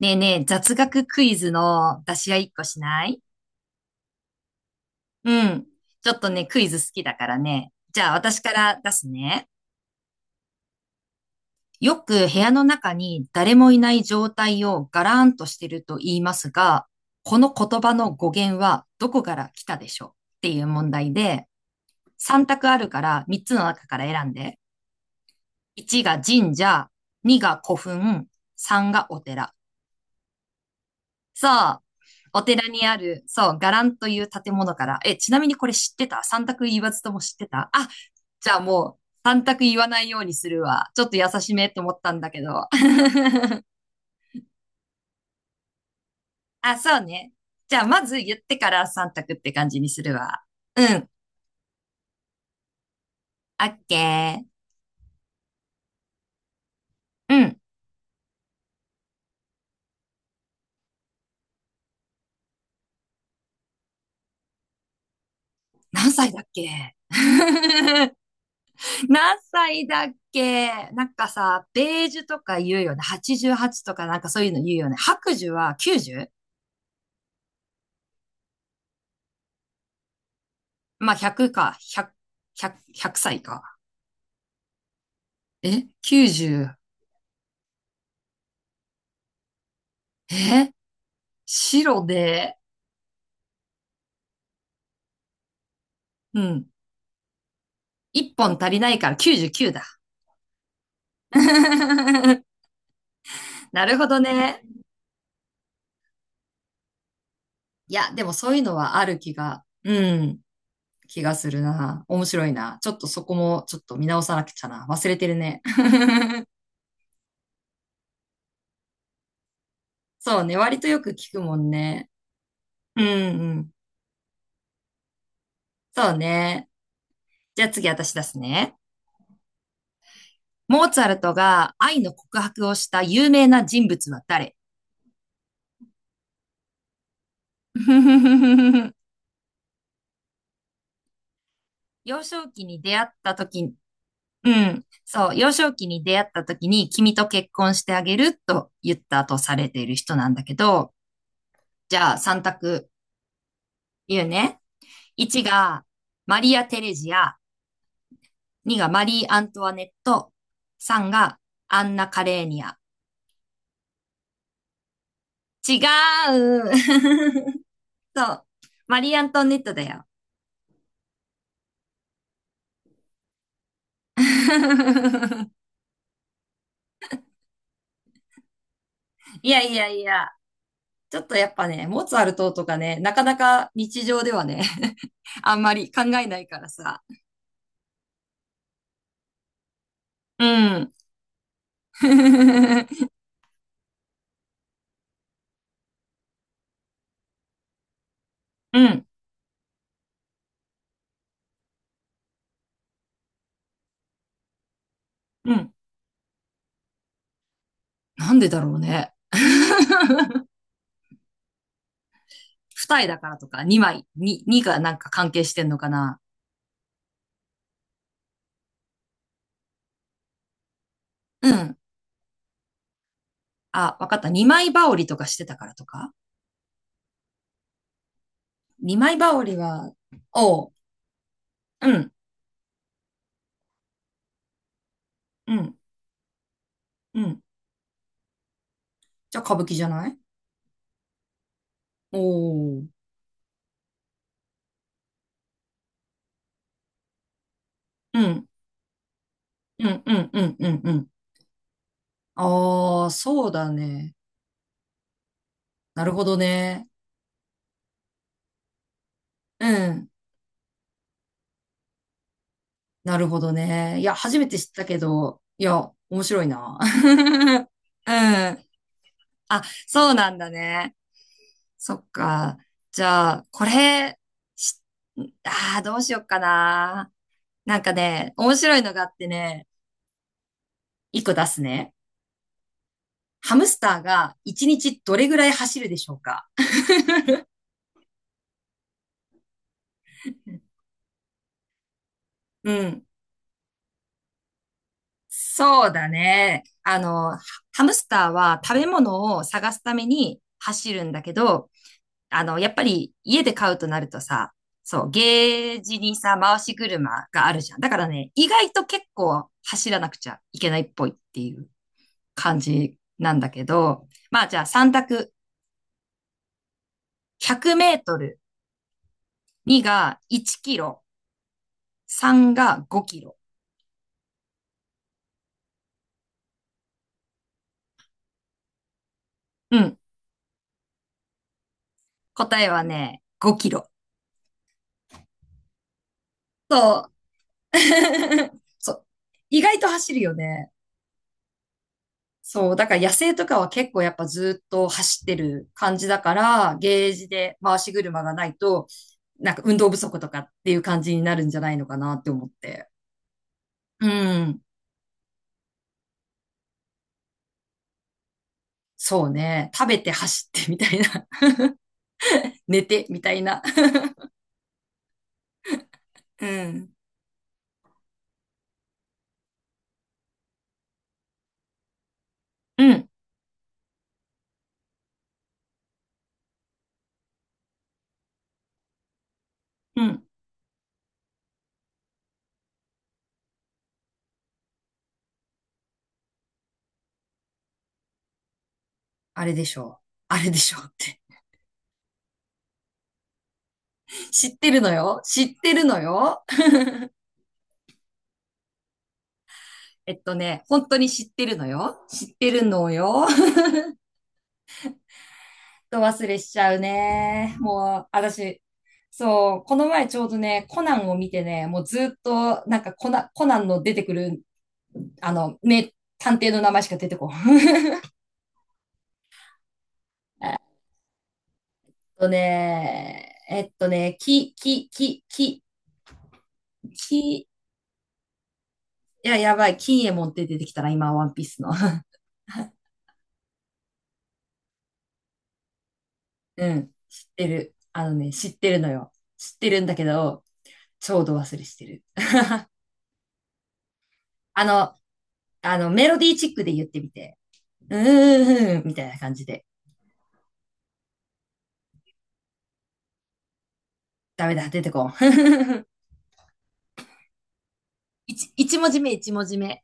ねえねえ、雑学クイズの出し合い一個しない？うん。ちょっとね、クイズ好きだからね。じゃあ私から出すね。よく部屋の中に誰もいない状態をガラーンとしてると言いますが、この言葉の語源はどこから来たでしょう？っていう問題で、3択あるから3つの中から選んで。1が神社、2が古墳、3がお寺。そう。お寺にある、そう、伽藍という建物から。え、ちなみにこれ知ってた？三択言わずとも知ってた？あ、じゃあもう、三択言わないようにするわ。ちょっと優しめと思ったんだけど。あ、そうね。じゃあまず言ってから三択って感じにするわ。うん。オッケー。うん。何歳だっけ？ 何歳だっけ？なんかさ、ベージュとか言うよね。88とかなんかそういうの言うよね。白寿は 90？ まあ、100か、100歳か。え？ 90。え、白で、うん。1本足りないから99だ。なるほどね。いや、でもそういうのはある気が、うん、気がするな。面白いな。ちょっとそこもちょっと見直さなくちゃな。忘れてるね。そうね。割とよく聞くもんね。うんうん。そうね。じゃあ次私出すね。モーツァルトが愛の告白をした有名な人物は誰？ 幼少期に出会った時、うん。そう、幼少期に出会った時に君と結婚してあげると言ったとされている人なんだけど、じゃあ3択言うね。1がマリア・テレジア、2がマリー・アントワネット、3がアンナ・カレーニア。違う？ そう、マリー・アントワネットだよ。いやいやいや、ちょっとやっぱね、モーツァルトとかね、なかなか日常ではね、あんまり考えないからさ。うん。うん。うん。なんでだろうね。二重だからとか、二枚、に二がなんか関係してんのかな。うん。あ、わかった。二枚羽織とかしてたからとか。二枚羽織は、おう。うん。うん。うん。じゃあ歌舞伎じゃない？おおー。うん。うん。うん。うん。うん。うん。ああ、そうだね。なるほどね。うん。なるほどね。いや、初めて知ったけど、いや、面白いな。うん。あ、そうなんだね。そっか。じゃあ、これ、し、ああ、どうしよっかな。なんかね、面白いのがあってね、一個出すね。ハムスターが一日どれぐらい走るでしょうか？ うん。そうだね。ハムスターは食べ物を探すために走るんだけど、あの、やっぱり家で買うとなるとさ、そう、ゲージにさ、回し車があるじゃん。だからね、意外と結構走らなくちゃいけないっぽいっていう感じなんだけど、まあじゃあ3択。100メートル、2が1キロ、3が5キロ。うん。答えはね、5キロ。そう。そう。意外と走るよね。そう、だから野生とかは結構やっぱずっと走ってる感じだから、ゲージで回し車がないと、なんか運動不足とかっていう感じになるんじゃないのかなって思って。うん。そうね。食べて走ってみたいな。寝てみたいな。うん。うん。うん。あれでしょう。あれでしょうって。知ってるのよ。知ってるのよ。えっとね、本当に知ってるのよ。知ってるのよ。と忘れしちゃうね。もう、私、そう、この前ちょうどね、コナンを見てね、もうずっと、コナンの出てくる、あの、名探偵の名前しか出てこん。えっとね、えっとね、き、いや、やばい、金右衛門って出てきたな、今、ワンピースの。うん、知ってる。あのね、知ってるのよ。知ってるんだけど、ちょうど忘れしてる。あの、あの、メロディーチックで言ってみて。うーん、みたいな感じで。ダメだ、出てこん。一文字目、一文字目。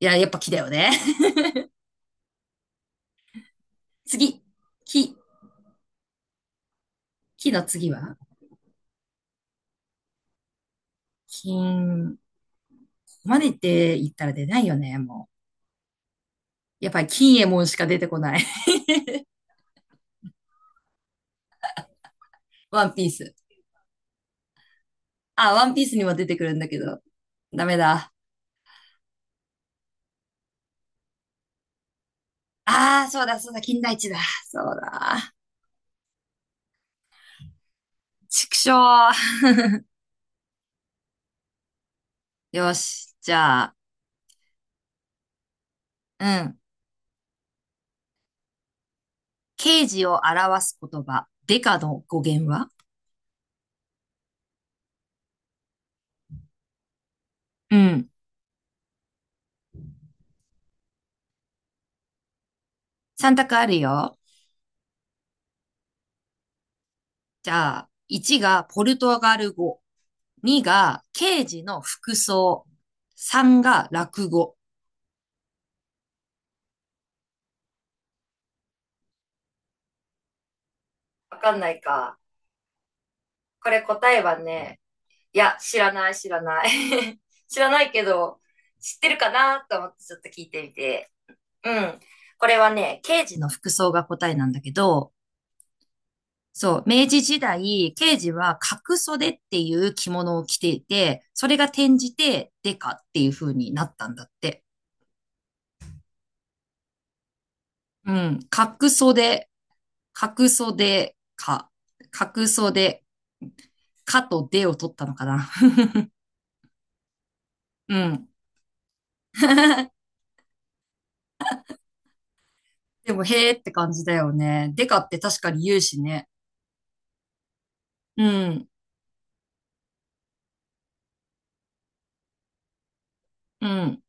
いや、やっぱ木だよね。次。木。木の次は金。マネって言ったら出ないよね、もう。やっぱり金右衛門しか出てこない。ワンピース。あ、ワンピースにも出てくるんだけど。ダメだ。あーそうだ、そうだ、金田一だ。そうだ。畜生。よし。じゃあ、うん。刑事を表す言葉。デカの語源は？うん。三択あるよ。じゃあ、1がポルトガル語、2が刑事の服装、3が落語。わかんないか。これ答えはね、いや、知らない、知らない。知らないけど、知ってるかなと思ってちょっと聞いてみて。うん。これはね、刑事の服装が答えなんだけど、そう、明治時代、刑事は角袖っていう着物を着ていて、それが転じてデカっていう風になったんだって。うん、角袖、角袖か、角袖、かとでを取ったのかな。うん。でも、へーって感じだよね。でかって確かに言うしね。うん、うん、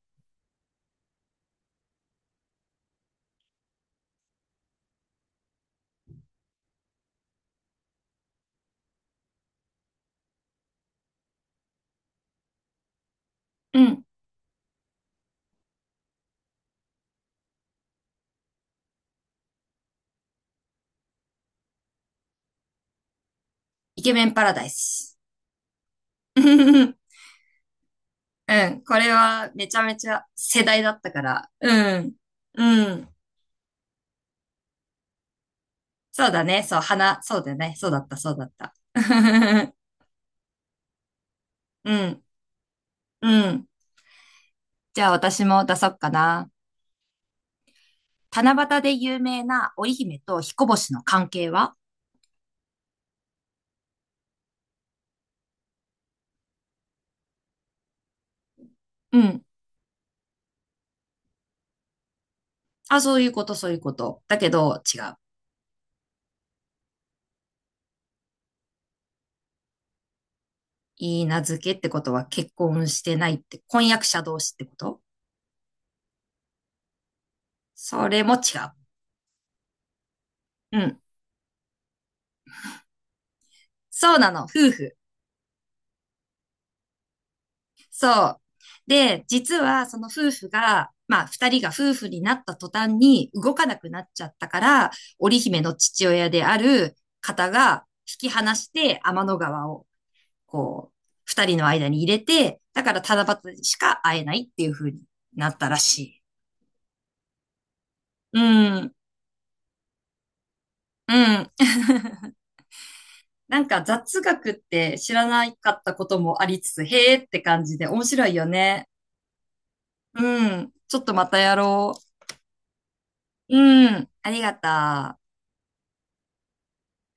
うん。イケメンパラダイス。うん、これはめちゃめちゃ世代だったから。うん、うん。そうだね。そう、花、そうだね。そうだった、そうだった。うん、うん。じゃあ私も出そっかな。七夕で有名な織姫と彦星の関係は？うん。あ、そういうこと、そういうこと。だけど、違う。いい名付けってことは結婚してないって、婚約者同士ってこと？それも違う。うん。そうなの、夫婦。そう。で、実はその夫婦が、まあ、二人が夫婦になった途端に動かなくなっちゃったから、織姫の父親である方が引き離して天の川を、こう、二人の間に入れて、だから七夕しか会えないっていう風になったらしい。うん。うん。なんか雑学って知らなかったこともありつつ、へーって感じで面白いよね。うん。ちょっとまたやろう。うん。ありがとう。